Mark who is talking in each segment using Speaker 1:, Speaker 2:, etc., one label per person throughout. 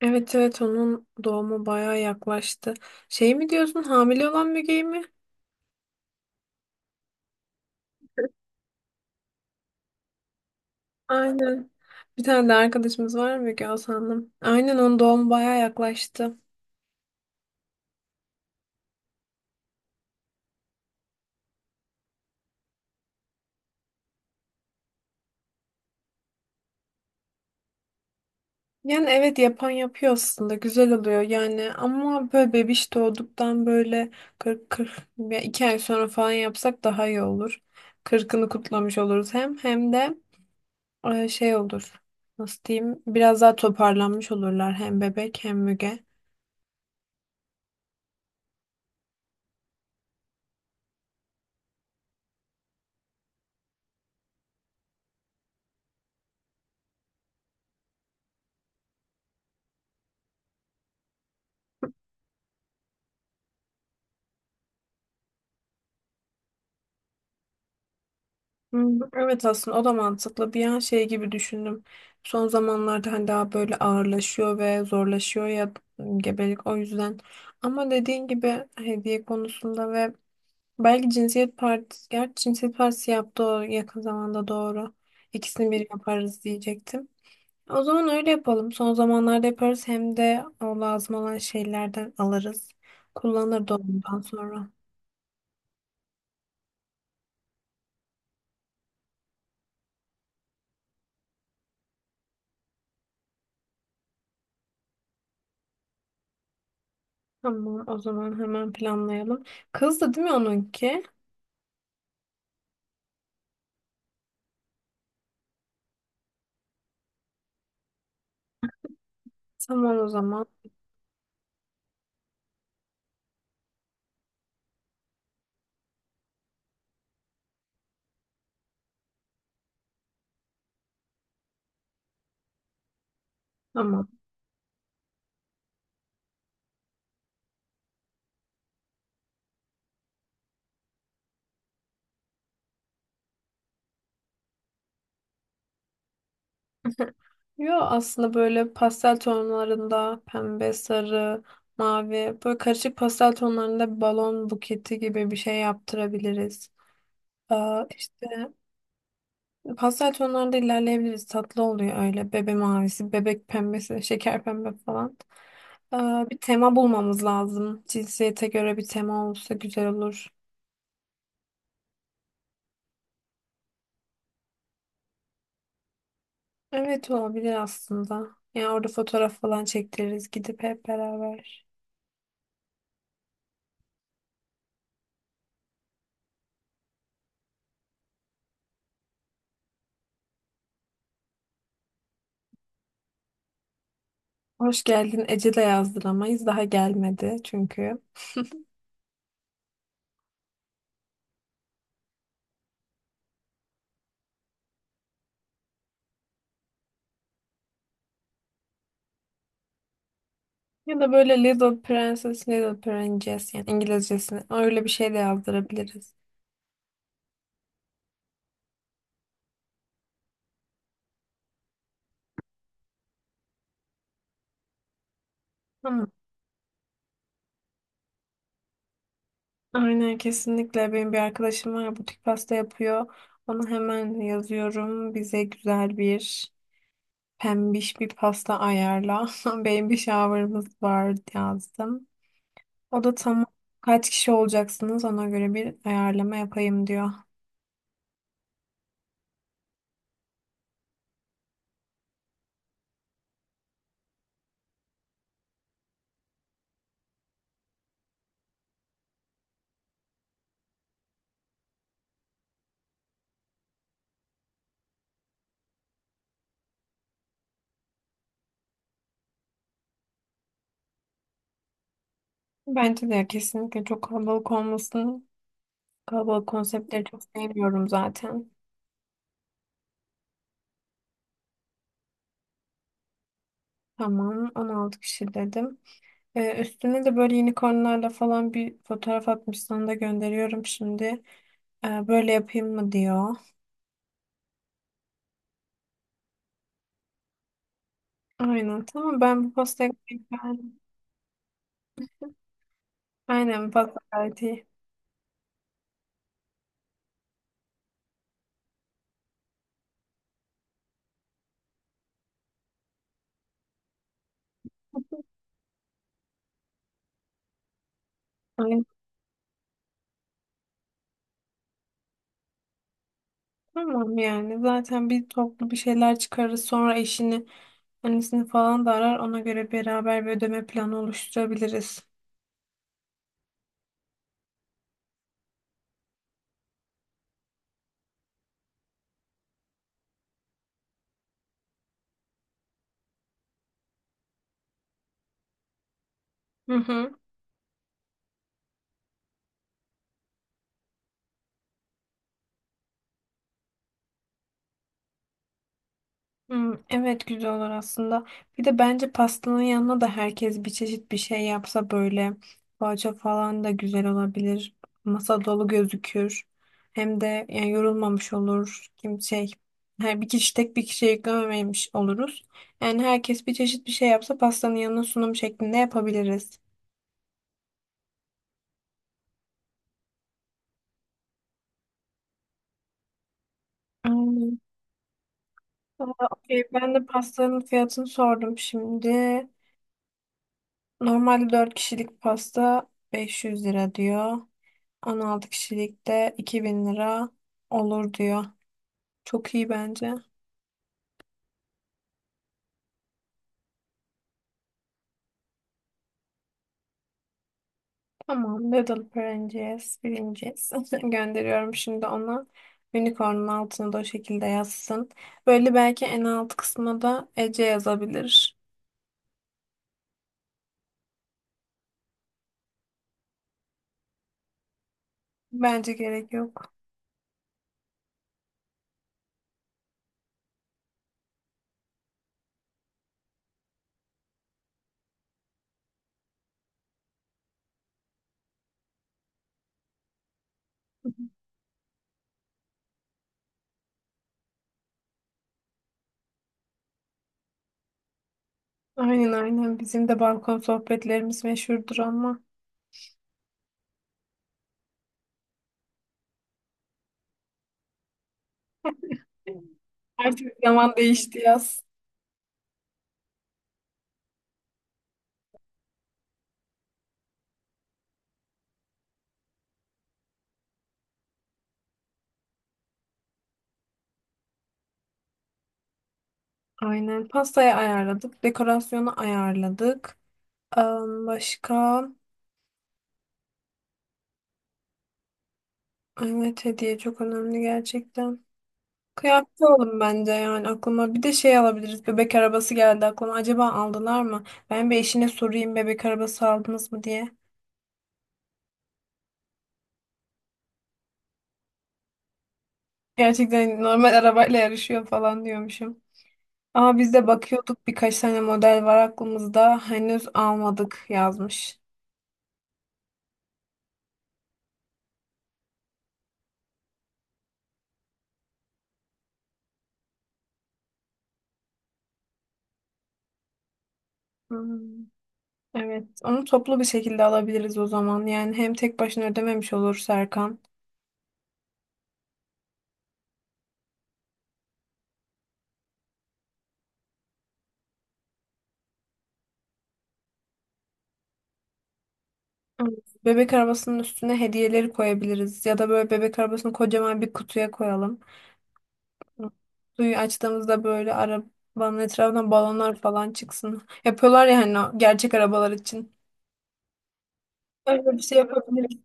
Speaker 1: Evet evet, onun doğumu bayağı yaklaştı. Şey mi diyorsun, hamile olan Müge'yi mi? Aynen. Bir tane de arkadaşımız var, Müge Hasan'ın. Aynen, onun doğumu bayağı yaklaştı. Yani evet, yapan yapıyor aslında, güzel oluyor yani, ama böyle bebiş doğduktan böyle 40, kırk ya 2 ay sonra falan yapsak daha iyi olur. Kırkını kutlamış oluruz, hem de şey olur, nasıl diyeyim, biraz daha toparlanmış olurlar, hem bebek hem Müge. Hmm, evet, aslında o da mantıklı. Bir an şey gibi düşündüm. Son zamanlarda hani daha böyle ağırlaşıyor ve zorlaşıyor ya gebelik, o yüzden. Ama dediğin gibi hediye konusunda ve belki cinsiyet partisi, gerçi cinsiyet partisi yaptı o yakın zamanda, doğru. İkisini bir yaparız diyecektim. O zaman öyle yapalım. Son zamanlarda yaparız, hem de o lazım olan şeylerden alırız. Kullanır da ondan sonra. Tamam, o zaman hemen planlayalım. Kızdı değil mi onunki? Tamam o zaman. Tamam. Yo, aslında böyle pastel tonlarında pembe, sarı, mavi, böyle karışık pastel tonlarında bir balon buketi gibi bir şey yaptırabiliriz. Aa, işte pastel tonlarda ilerleyebiliriz. Tatlı oluyor öyle. Bebe mavisi, bebek pembesi, şeker pembe falan. Aa, bir tema bulmamız lazım. Cinsiyete göre bir tema olsa güzel olur. Evet, olabilir aslında. Yani orada fotoğraf falan çektiririz gidip hep beraber. Hoş geldin Ece de yazdıramayız. Daha gelmedi çünkü. Ya da böyle Little Princess, Little Princess, yani İngilizcesini, öyle bir şey de yazdırabiliriz. Ama aynen, kesinlikle, benim bir arkadaşım var, butik pasta yapıyor. Onu hemen yazıyorum. Bize güzel bir pembiş bir pasta ayarla. Benim bir shower'ımız var yazdım. O da tamam. Kaç kişi olacaksınız, ona göre bir ayarlama yapayım diyor. Bence de, kesinlikle, çok kalabalık olmasın. Kalabalık konseptleri çok sevmiyorum zaten. Tamam, 16 kişi dedim. Üstüne de böyle unicornlarla falan bir fotoğraf atmış, sana da gönderiyorum şimdi. Böyle yapayım mı diyor. Aynen. Tamam, ben bu pastayı beğendim. Aynen, bak, gayet iyi. Aynen. Tamam, yani zaten bir toplu bir şeyler çıkarırız, sonra eşini, annesini falan da arar, ona göre beraber bir ödeme planı oluşturabiliriz. Hı hı. Hmm, evet, güzel olur aslında. Bir de bence pastanın yanına da herkes bir çeşit bir şey yapsa, böyle poğaça falan da güzel olabilir. Masa dolu gözükür. Hem de yani yorulmamış olur. Kim şey Her bir kişi, tek bir kişiye yüklememiş oluruz. Yani herkes bir çeşit bir şey yapsa, pastanın yanına sunum şeklinde yapabiliriz. Hmm. Aa, okey. Ben de pastanın fiyatını sordum şimdi. Normalde 4 kişilik pasta 500 lira diyor. 16 kişilik de 2.000 lira olur diyor. Çok iyi bence. Tamam, noodle öğreneceğiz, bileceğiz. Gönderiyorum şimdi ona. Unicorn'un altına da o şekilde yazsın. Böyle belki en alt kısma da Ece yazabilir. Bence gerek yok. Aynen aynen, bizim de balkon sohbetlerimiz meşhurdur, ama artık zaman değişti yaz. Aynen pastayı ayarladık, dekorasyonu ayarladık. Başka? Evet, hediye çok önemli gerçekten. Kıyafet alalım bence, yani aklıma. Bir de şey alabiliriz. Bebek arabası geldi aklıma. Acaba aldılar mı? Ben bir eşine sorayım, bebek arabası aldınız mı diye. Gerçekten normal arabayla yarışıyor falan diyormuşum. Ama biz de bakıyorduk, birkaç tane model var aklımızda. Henüz almadık yazmış. Hmm, evet, onu toplu bir şekilde alabiliriz o zaman. Yani hem tek başına ödememiş olur Serkan. Hmm. Bebek arabasının üstüne hediyeleri koyabiliriz, ya da böyle bebek arabasını kocaman bir kutuya koyalım. Hmm. Kutuyu açtığımızda böyle arabanın etrafından balonlar falan çıksın. Yapıyorlar ya hani, o gerçek arabalar için. Öyle bir şey yapabiliriz.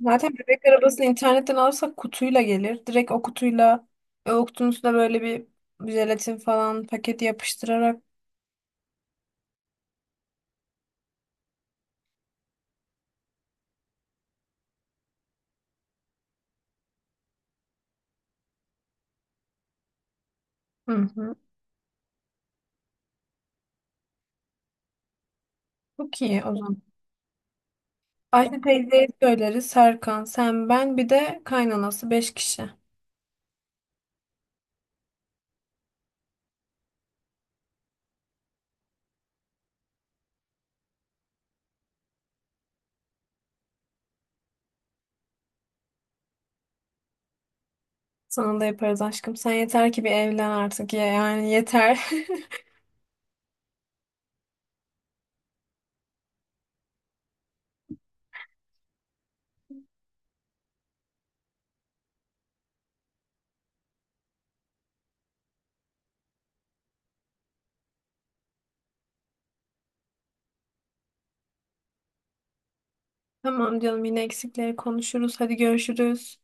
Speaker 1: Zaten bebek arabasını internetten alırsak kutuyla gelir. Direkt o kutuyla, o kutunun üstüne böyle bir jelatin falan paketi yapıştırarak. Hı hı. Çok iyi o zaman. Ayşe teyzeye söyleriz. Serkan, sen, ben, bir de kaynanası. 5 kişi. Sana da yaparız aşkım. Sen yeter ki bir evlen artık ya. Yani yeter. Tamam canım, yine eksikleri konuşuruz. Hadi görüşürüz.